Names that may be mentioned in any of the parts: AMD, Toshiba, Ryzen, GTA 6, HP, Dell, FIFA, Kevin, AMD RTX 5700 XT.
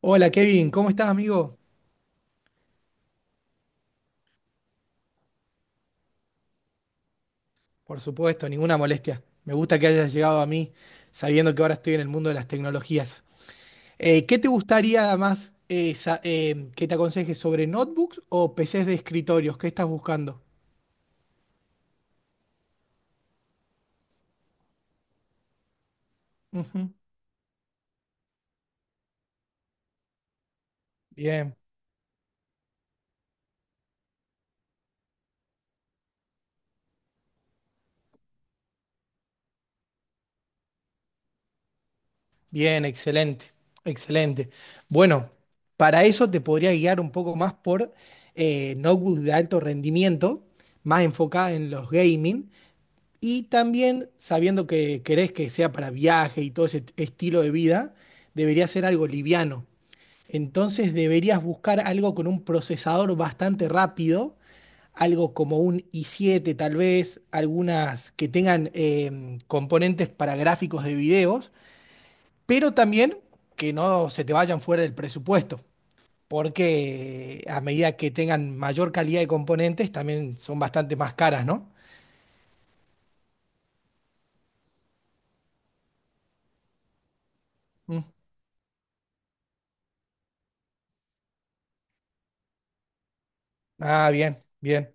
Hola Kevin, ¿cómo estás amigo? Por supuesto, ninguna molestia. Me gusta que hayas llegado a mí sabiendo que ahora estoy en el mundo de las tecnologías. ¿Qué te gustaría más que te aconseje sobre notebooks o PCs de escritorios? ¿Qué estás buscando? Ujú. Bien, bien, excelente, excelente. Bueno, para eso te podría guiar un poco más por notebooks de alto rendimiento, más enfocada en los gaming. Y también, sabiendo que querés que sea para viaje y todo ese estilo de vida, debería ser algo liviano. Entonces deberías buscar algo con un procesador bastante rápido, algo como un i7 tal vez, algunas que tengan componentes para gráficos de videos, pero también que no se te vayan fuera del presupuesto, porque a medida que tengan mayor calidad de componentes, también son bastante más caras, ¿no? Mm. Ah, bien, bien.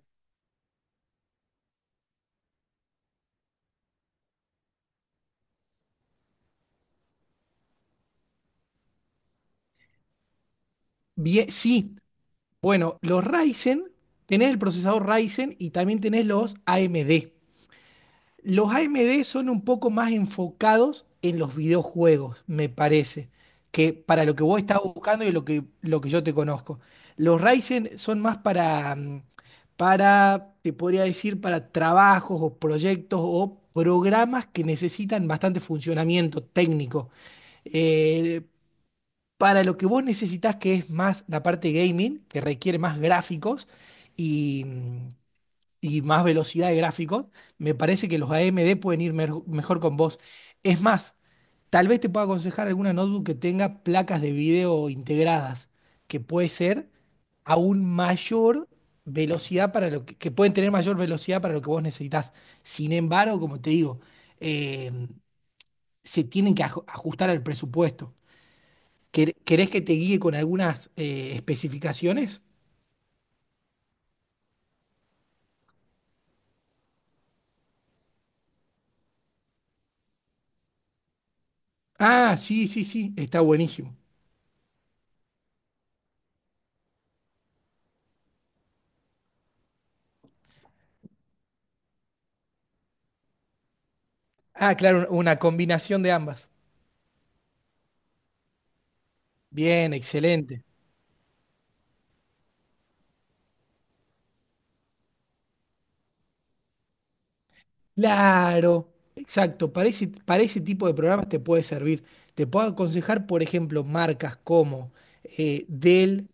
Bien, sí, bueno, los Ryzen, tenés el procesador Ryzen y también tenés los AMD. Los AMD son un poco más enfocados en los videojuegos, me parece, que para lo que vos estás buscando y lo que yo te conozco. Los Ryzen son más para, te podría decir, para trabajos o proyectos o programas que necesitan bastante funcionamiento técnico. Eh, para lo que vos necesitas, que es más la parte gaming, que requiere más gráficos y, y más velocidad de gráficos, me parece que los AMD pueden ir mejor con vos. Es más, tal vez te pueda aconsejar alguna notebook que tenga placas de video integradas, que puede ser aún mayor velocidad para que pueden tener mayor velocidad para lo que vos necesitas. Sin embargo, como te digo, eh, se tienen que ajustar al presupuesto. ¿Querés que te guíe con algunas especificaciones? Ah, sí, sí, sí, está buenísimo. Ah, claro, una combinación de ambas. Bien, excelente. Claro, exacto. Para ese tipo de programas te puede servir. Te puedo aconsejar, por ejemplo, marcas como Dell,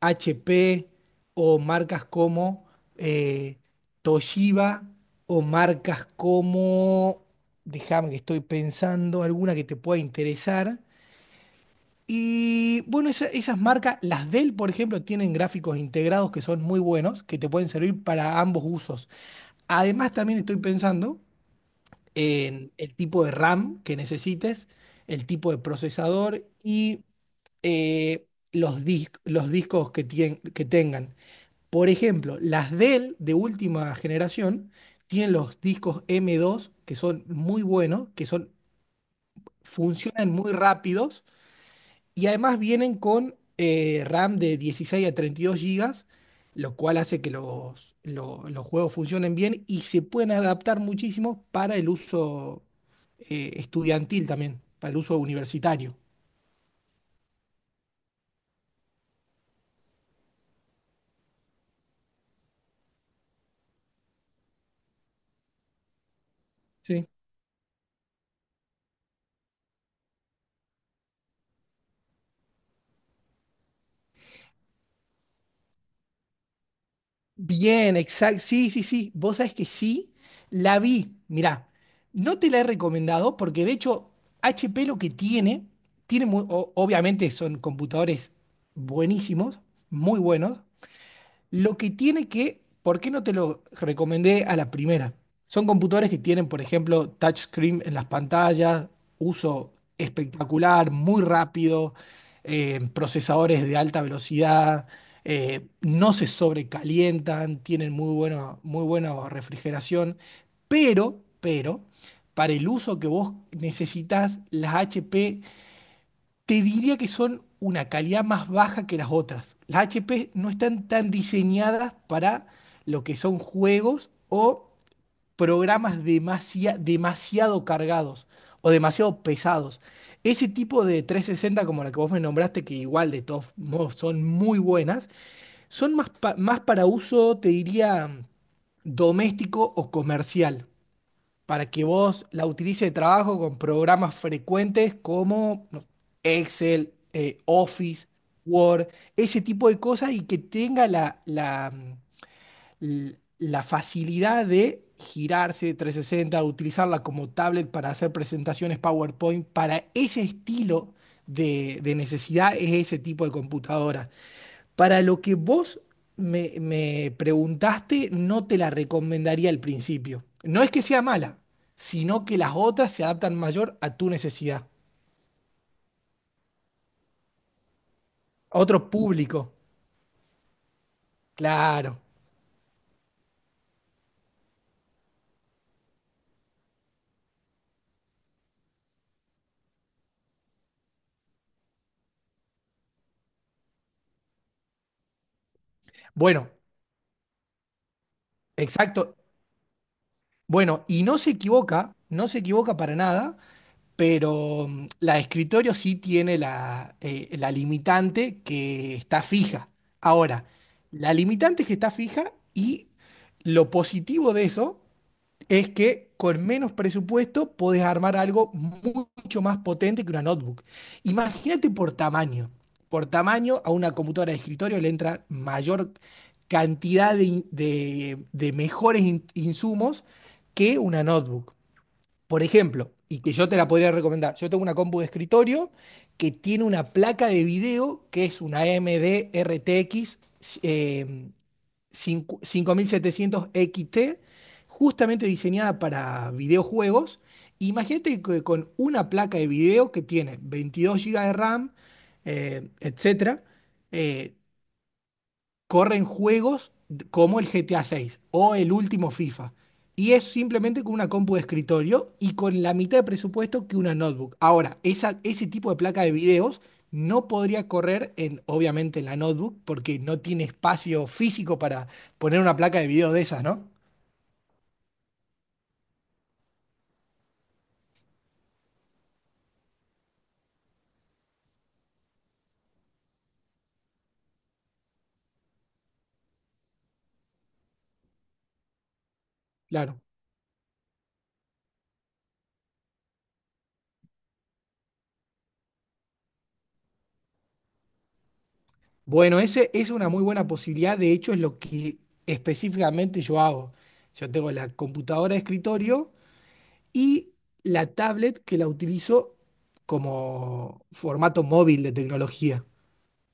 HP o marcas como eh, Toshiba o marcas como, déjame que estoy pensando, alguna que te pueda interesar. Y bueno, esas marcas, las Dell, por ejemplo, tienen gráficos integrados que son muy buenos, que te pueden servir para ambos usos. Además, también estoy pensando en el tipo de RAM que necesites, el tipo de procesador y eh, los discos que tengan. Por ejemplo, las Dell de última generación tienen los discos M2 que son muy buenos, funcionan muy rápidos y además vienen con RAM de 16 a 32 gigas, lo cual hace que los juegos funcionen bien y se pueden adaptar muchísimo para el uso estudiantil también, para el uso universitario. ¿Sí? Bien, exacto. Sí, sí, sí. Vos sabés que sí, la vi. Mirá, no te la he recomendado porque de hecho HP lo que tiene, obviamente son computadores buenísimos, muy buenos. Lo que tiene que, ¿Por qué no te lo recomendé a la primera? Son computadores que tienen, por ejemplo, touchscreen en las pantallas, uso espectacular, muy rápido, procesadores de alta velocidad, no se sobrecalientan, tienen muy buena refrigeración, pero, para el uso que vos necesitas, las HP te diría que son una calidad más baja que las otras. Las HP no están tan diseñadas para lo que son juegos o programas demasiado cargados o demasiado pesados. Ese tipo de 360 como la que vos me nombraste, que igual de todos modos son muy buenas, son más para uso, te diría, doméstico o comercial, para que vos la utilices de trabajo con programas frecuentes como no, Excel, Office, Word, ese tipo de cosas, y que tenga la facilidad de girarse 360, utilizarla como tablet para hacer presentaciones PowerPoint. Para ese estilo de necesidad es ese tipo de computadora. Para lo que vos me preguntaste, no te la recomendaría al principio. No es que sea mala, sino que las otras se adaptan mayor a tu necesidad, a otro público. Claro. Bueno, exacto. Bueno, y no se equivoca, no se equivoca para nada, pero la de escritorio sí tiene la limitante que está fija. Ahora, la limitante es que está fija y lo positivo de eso es que con menos presupuesto podés armar algo mucho más potente que una notebook. Imagínate por tamaño. Por tamaño, a una computadora de escritorio le entra mayor cantidad de mejores insumos que una notebook. Por ejemplo, y que yo te la podría recomendar, yo tengo una compu de escritorio que tiene una placa de video que es una AMD RTX 5700 XT, justamente diseñada para videojuegos. Imagínate que con una placa de video que tiene 22 GB de RAM, etcétera, eh, corren juegos como el GTA 6 o el último FIFA. Y es simplemente con una compu de escritorio y con la mitad de presupuesto que una notebook. Ahora, ese tipo de placa de videos no podría correr en, obviamente, en la notebook porque no tiene espacio físico para poner una placa de video de esas, ¿no? Claro. Bueno, ese es una muy buena posibilidad. De hecho, es lo que específicamente yo hago. Yo tengo la computadora de escritorio y la tablet, que la utilizo como formato móvil de tecnología.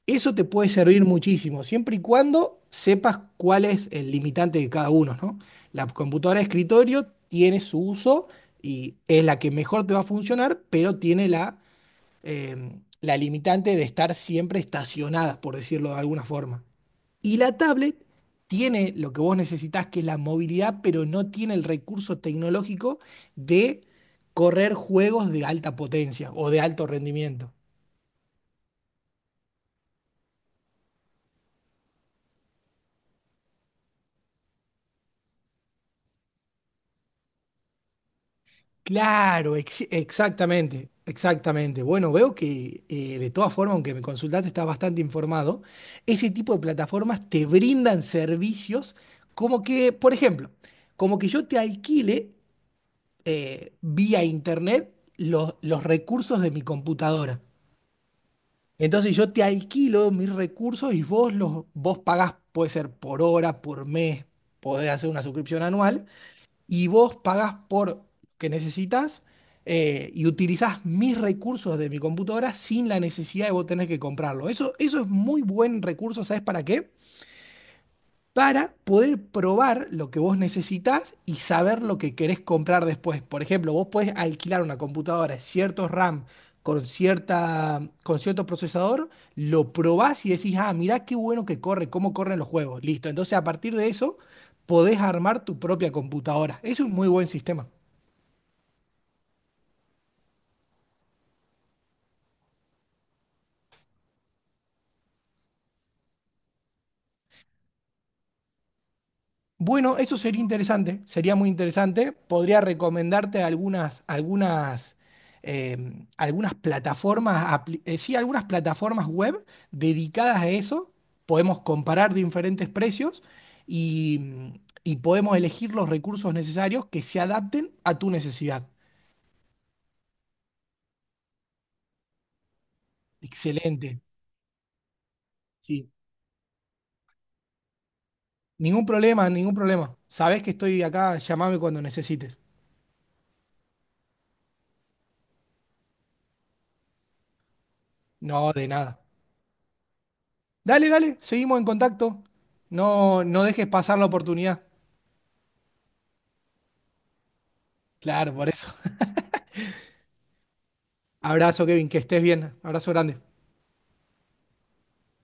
Eso te puede servir muchísimo, siempre y cuando sepas cuál es el limitante de cada uno, ¿no? La computadora de escritorio tiene su uso y es la que mejor te va a funcionar, pero tiene la limitante de estar siempre estacionada, por decirlo de alguna forma. Y la tablet tiene lo que vos necesitás, que es la movilidad, pero no tiene el recurso tecnológico de correr juegos de alta potencia o de alto rendimiento. Claro, exactamente, exactamente. Bueno, veo que de todas formas, aunque me consultaste, estás bastante informado. Ese tipo de plataformas te brindan servicios como que, por ejemplo, como que yo te alquile vía internet los recursos de mi computadora. Entonces yo te alquilo mis recursos y vos pagás, puede ser por hora, por mes, podés hacer una suscripción anual y vos pagás por lo que necesitas, y utilizás mis recursos de mi computadora sin la necesidad de vos tener que comprarlo. Eso es muy buen recurso, ¿sabes para qué? Para poder probar lo que vos necesitas y saber lo que querés comprar después. Por ejemplo, vos podés alquilar una computadora, cierto RAM con cierto procesador, lo probás y decís, ah, mirá qué bueno que corre, cómo corren los juegos. Listo. Entonces, a partir de eso, podés armar tu propia computadora. Es un muy buen sistema. Bueno, eso sería interesante, sería muy interesante. Podría recomendarte algunas, algunas, em, algunas plataformas, apli- sí, algunas plataformas web dedicadas a eso. Podemos comparar diferentes precios y, y podemos elegir los recursos necesarios que se adapten a tu necesidad. Excelente, sí. Ningún problema, ningún problema. Sabés que estoy acá, llamame cuando necesites. No, de nada. Dale, dale, seguimos en contacto. No, no dejes pasar la oportunidad. Claro, por eso. Abrazo, Kevin, que estés bien. Abrazo grande.